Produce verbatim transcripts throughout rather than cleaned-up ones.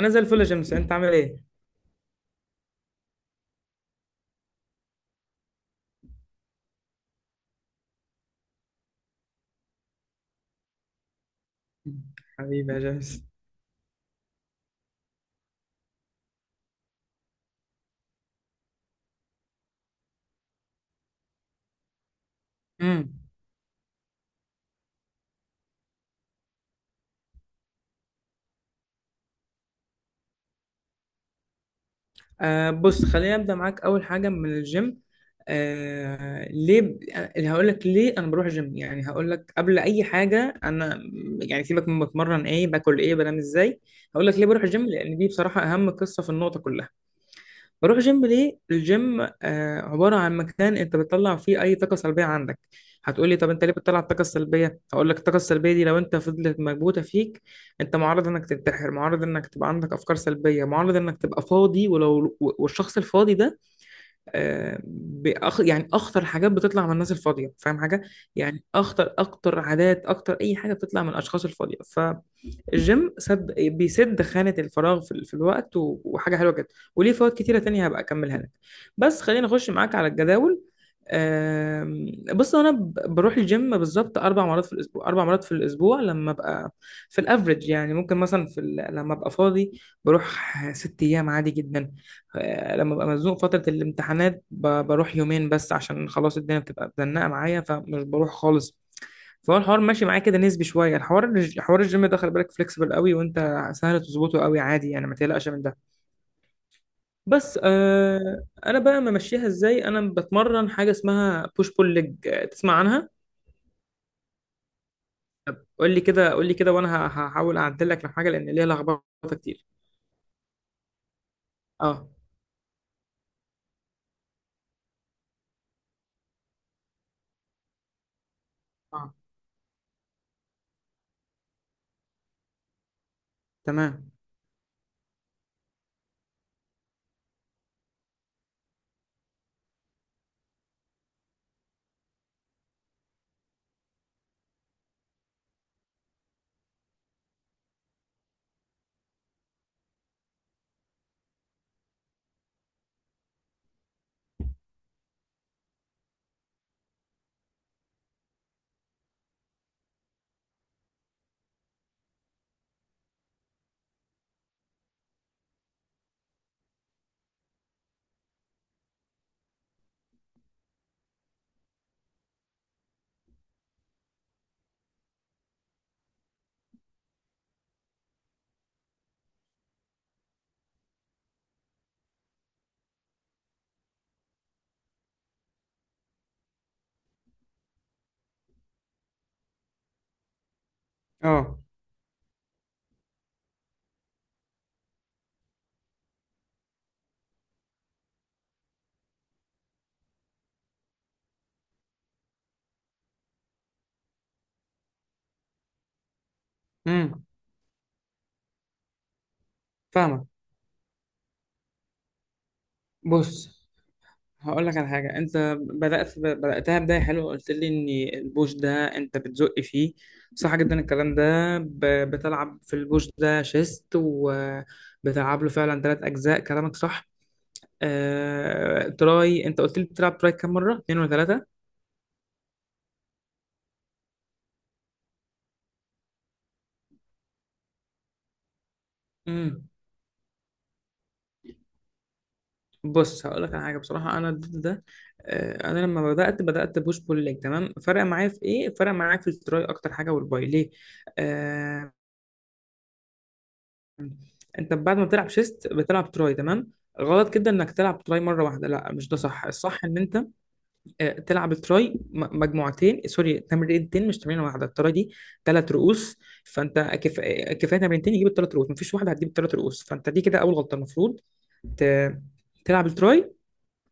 انا زي الفل يا جيمس، انت عامل ايه؟ حبيبي يا جيمس. امم آه بص، خليني ابدا معاك اول حاجه من الجيم. آه ليه ب... أنا هقول لك ليه انا بروح الجيم. يعني هقول لك قبل اي حاجه انا يعني سيبك من بتمرن ايه باكل ايه بنام ازاي، هقول لك ليه بروح الجيم، لان دي بصراحه اهم قصه في النقطه كلها. بروح جيم ليه؟ الجيم آه عبارة عن مكان أنت بتطلع فيه أي طاقة سلبية عندك. هتقولي طب أنت ليه بتطلع الطاقة السلبية؟ هقول لك الطاقة السلبية دي لو أنت فضلت مكبوتة فيك أنت معرض إنك تنتحر، معرض إنك تبقى عندك أفكار سلبية، معرض إنك تبقى فاضي، ولو والشخص الفاضي ده آه بأخ... يعني أخطر حاجات بتطلع من الناس الفاضية، فاهم حاجة؟ يعني أخطر أكتر عادات، أكتر أي حاجة بتطلع من الأشخاص الفاضية. الجيم سد، بيسد خانة الفراغ في, ال- في الوقت، و- وحاجة حلوة جدا وليه فوائد كتيرة تانية هبقى أكملها لك. بس خلينا أخش معاك على الجداول. آم، بص، أنا ب- بروح الجيم بالظبط أربع مرات في الأسبوع، أربع مرات في الأسبوع لما أبقى في الأفريج. يعني ممكن مثلا في ال- لما أبقى فاضي بروح ست أيام عادي جدا. آه، لما ببقى مزنوق فترة الامتحانات ب- بروح يومين بس، عشان خلاص الدنيا بتبقى مزنقة معايا فمش بروح خالص. فهو الحوار ماشي معاه كده نسبي شويه. الحوار الج- حوار الجيم ده خلي بالك فليكسبل قوي، وانت سهل تظبطه قوي عادي، يعني ما تقلقش من ده. بس آه انا بقى ممشيها ازاي، انا بتمرن حاجه اسمها بوش بول ليج، تسمع عنها؟ قول لي كده، قول لي كده، وانا ه- هحاول اعدل لك الحاجه، لان ليها لخبطه كتير. اه، اه، تمام. اه. امم فاهمك. بص هقول لك على حاجة، أنت بدأت بدأتها بداية حلوة، قلت لي إن البوش ده أنت بتزق فيه، صح جدا الكلام ده. ب- بتلعب في البوش ده شيست، وبتلعب له فعلا ثلاث أجزاء، كلامك صح. آه... تراي أنت قلت لي بتلعب تراي كام مرة؟ اتنين ولا ثلاثة؟ امم بص هقول لك على حاجة، بصراحة أنا ضد ده. آه... أنا لما بدأت، بدأت بوش بول ليج تمام، فرق معايا في إيه؟ فرق معايا في التراي أكتر حاجة والباي، ليه؟ آه، انت بعد ما بتلعب شيست بتلعب تراي تمام، غلط جدا انك تلعب تراي مره واحده، لا مش ده صح. الصح ان انت آه، تلعب التراي م- مجموعتين، سوري تمرينتين، مش تمرينه واحده، التراي دي ثلاث رؤوس. فانت كف... آه، كفايه تمرينتين يجيب الثلاث رؤوس، مفيش واحده هتجيب الثلاث رؤوس. فانت دي كده اول غلطه. المفروض ت... تلعب التراي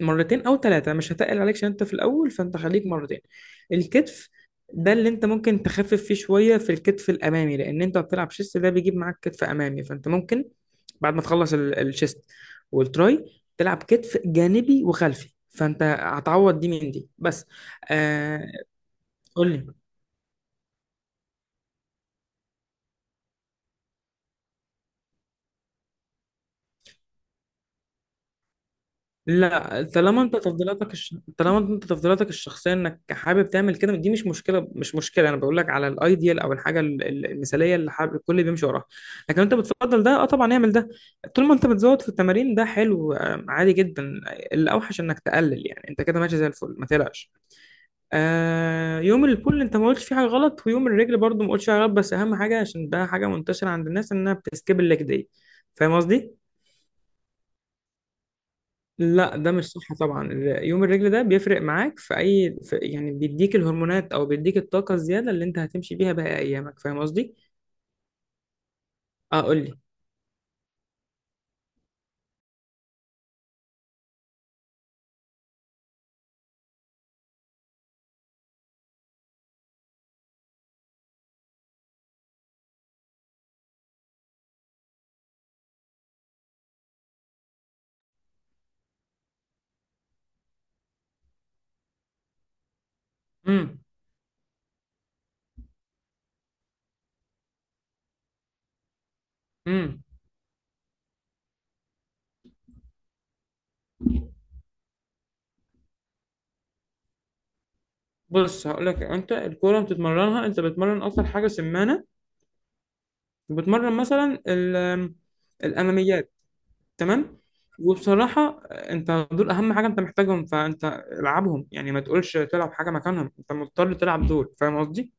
مرتين او ثلاثه، مش هتقل عليك عشان انت في الاول، فانت خليك مرتين. الكتف ده اللي انت ممكن تخفف فيه شويه، في الكتف الامامي، لان انت بتلعب شيست ده بيجيب معاك كتف امامي. فانت ممكن بعد ما تخلص ال- الشيست والتراي تلعب كتف جانبي وخلفي، فانت هتعوض دي من دي بس. آه، قول لي. لا، طالما انت تفضيلاتك الش... طالما انت تفضيلاتك الشخصيه انك حابب تعمل كده، دي مش مشكله، مش مشكله. انا بقول لك على الايديال او الحاجه ال- ال- المثاليه اللي حابب الكل بيمشي وراها. لكن انت بتفضل ده، اه طبعا اعمل ده. طول ما انت بتزود في التمارين ده حلو، آه، عادي جدا، الاوحش انك تقلل، يعني انت كده ماشي زي الفل، ما تقلقش. آه يوم البول انت ما قلتش فيه حاجه غلط، ويوم الرجل برضو ما قلتش فيه حاجه غلط، بس اهم حاجه، عشان ده حاجه منتشره عند الناس، انها بتسكيب الليج دي، فاهم قصدي؟ لا ده مش صح طبعا. ال- يوم الرجل ده بيفرق معاك في اي، في يعني بيديك الهرمونات او بيديك الطاقه الزياده اللي انت هتمشي بيها باقي ايامك، فاهم قصدي؟ اه قول لي. امم امم بص هقول لك، انت الكوره بتتمرنها انت بتتمرن اكتر حاجه سمانه، بتمرن مثلا ال- الاماميات تمام. وبصراحه انت دول اهم حاجه انت محتاجهم، فانت العبهم. يعني ما تقولش تلعب حاجه مكانهم، انت مضطر تلعب دول، فاهم قصدي؟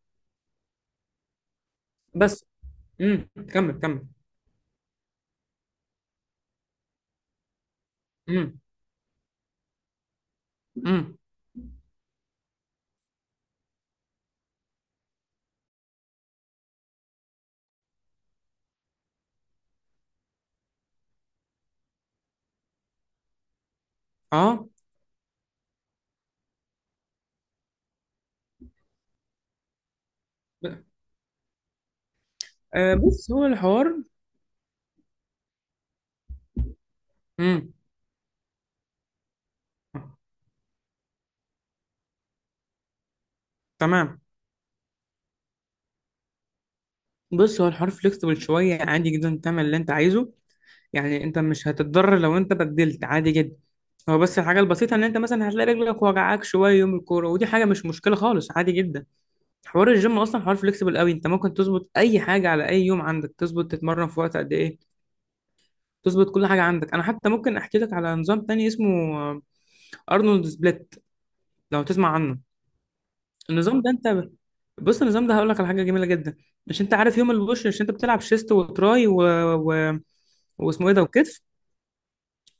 بس. امم كمل، كمل. امم امم اه. آه، بص هو الحوار. مم. تمام. بص هو الحوار فليكسبل شوية، عادي جدا تعمل اللي انت عايزه. يعني انت مش هتتضرر لو انت بدلت، عادي جدا. هو بس الحاجة البسيطة ان انت مثلا هتلاقي رجلك وجعاك شوية يوم الكورة، ودي حاجة مش مشكلة خالص، عادي جدا. حوار الجيم اصلا حوار فليكسبل قوي، انت ممكن تظبط اي حاجة على اي يوم عندك، تظبط تتمرن في وقت قد ايه، تظبط كل حاجة عندك. انا حتى ممكن احكي لك على نظام تاني اسمه آه، ارنولد سبليت، لو تسمع عنه. النظام ده انت، بص النظام ده هقول لك على حاجه جميله جدا. مش انت عارف يوم البوش، مش انت بتلعب شيست وتراي و... و... واسمه ايه ده، وكتف؟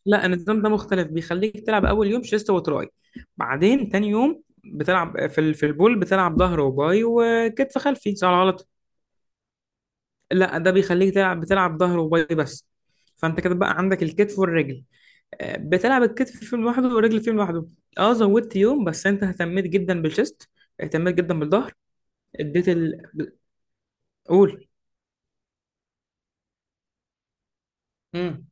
لا النظام ده مختلف، بيخليك تلعب اول يوم شيست وتراي، بعدين تاني يوم بتلعب في ال... في البول، بتلعب ظهر وباي وكتف خلفي، صح ولا غلط؟ لا ده بيخليك تلعب، بتلعب ظهر وباي بس، فانت كده بقى عندك الكتف والرجل. آه، بتلعب الكتف فيهم لوحده والرجل فيهم لوحده. اه زودت يوم، بس انت اهتميت جدا بالشيست، اهتميت جدا بالظهر، اديت ال... قول. امم،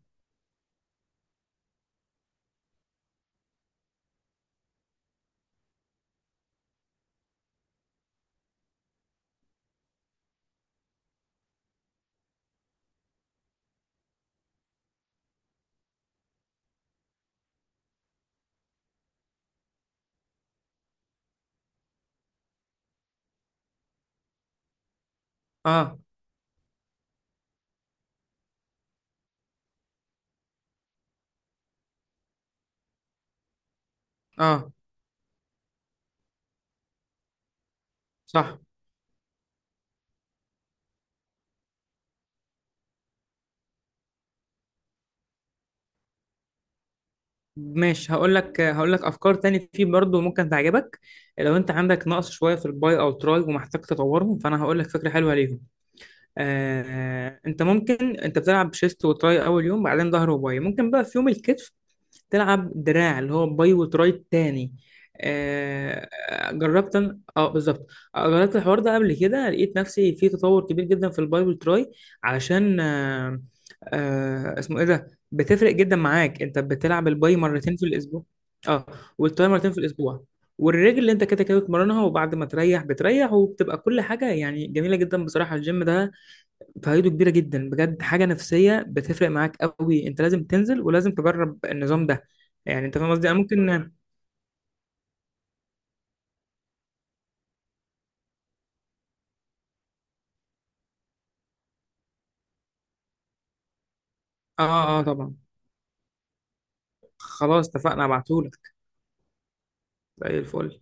اه، اه، صح. ماشي هقول لك، هقول لك افكار تاني فيه برضو ممكن تعجبك. لو انت عندك نقص شويه في الباي او تراي ومحتاج تطورهم، فانا هقول لك فكره حلوه ليهم. آه انت ممكن، انت بتلعب شيست وتراي اول يوم، بعدين ظهر وباي، ممكن بقى في يوم الكتف تلعب دراع اللي هو باي وتراي تاني. آه، جربت أنا- اه بالظبط. آه، جربت الحوار ده قبل كده، لقيت نفسي في تطور كبير جدا في الباي وتراي. علشان آه، آه، اسمه ايه ده، بتفرق جدا معاك، انت بتلعب الباي مرتين في الاسبوع. اه. والتراي مرتين في الاسبوع، والرجل اللي انت كده كده بتمرنها، وبعد ما تريح بتريح، وبتبقى كل حاجه يعني جميله جدا. بصراحه الجيم ده فايده كبيره جدا بجد، حاجه نفسيه بتفرق معاك قوي، انت لازم تنزل، ولازم تجرب النظام ده، يعني انت فاهم قصدي انا ممكن. اه، اه طبعا، خلاص اتفقنا ابعتهولك. زي الفل.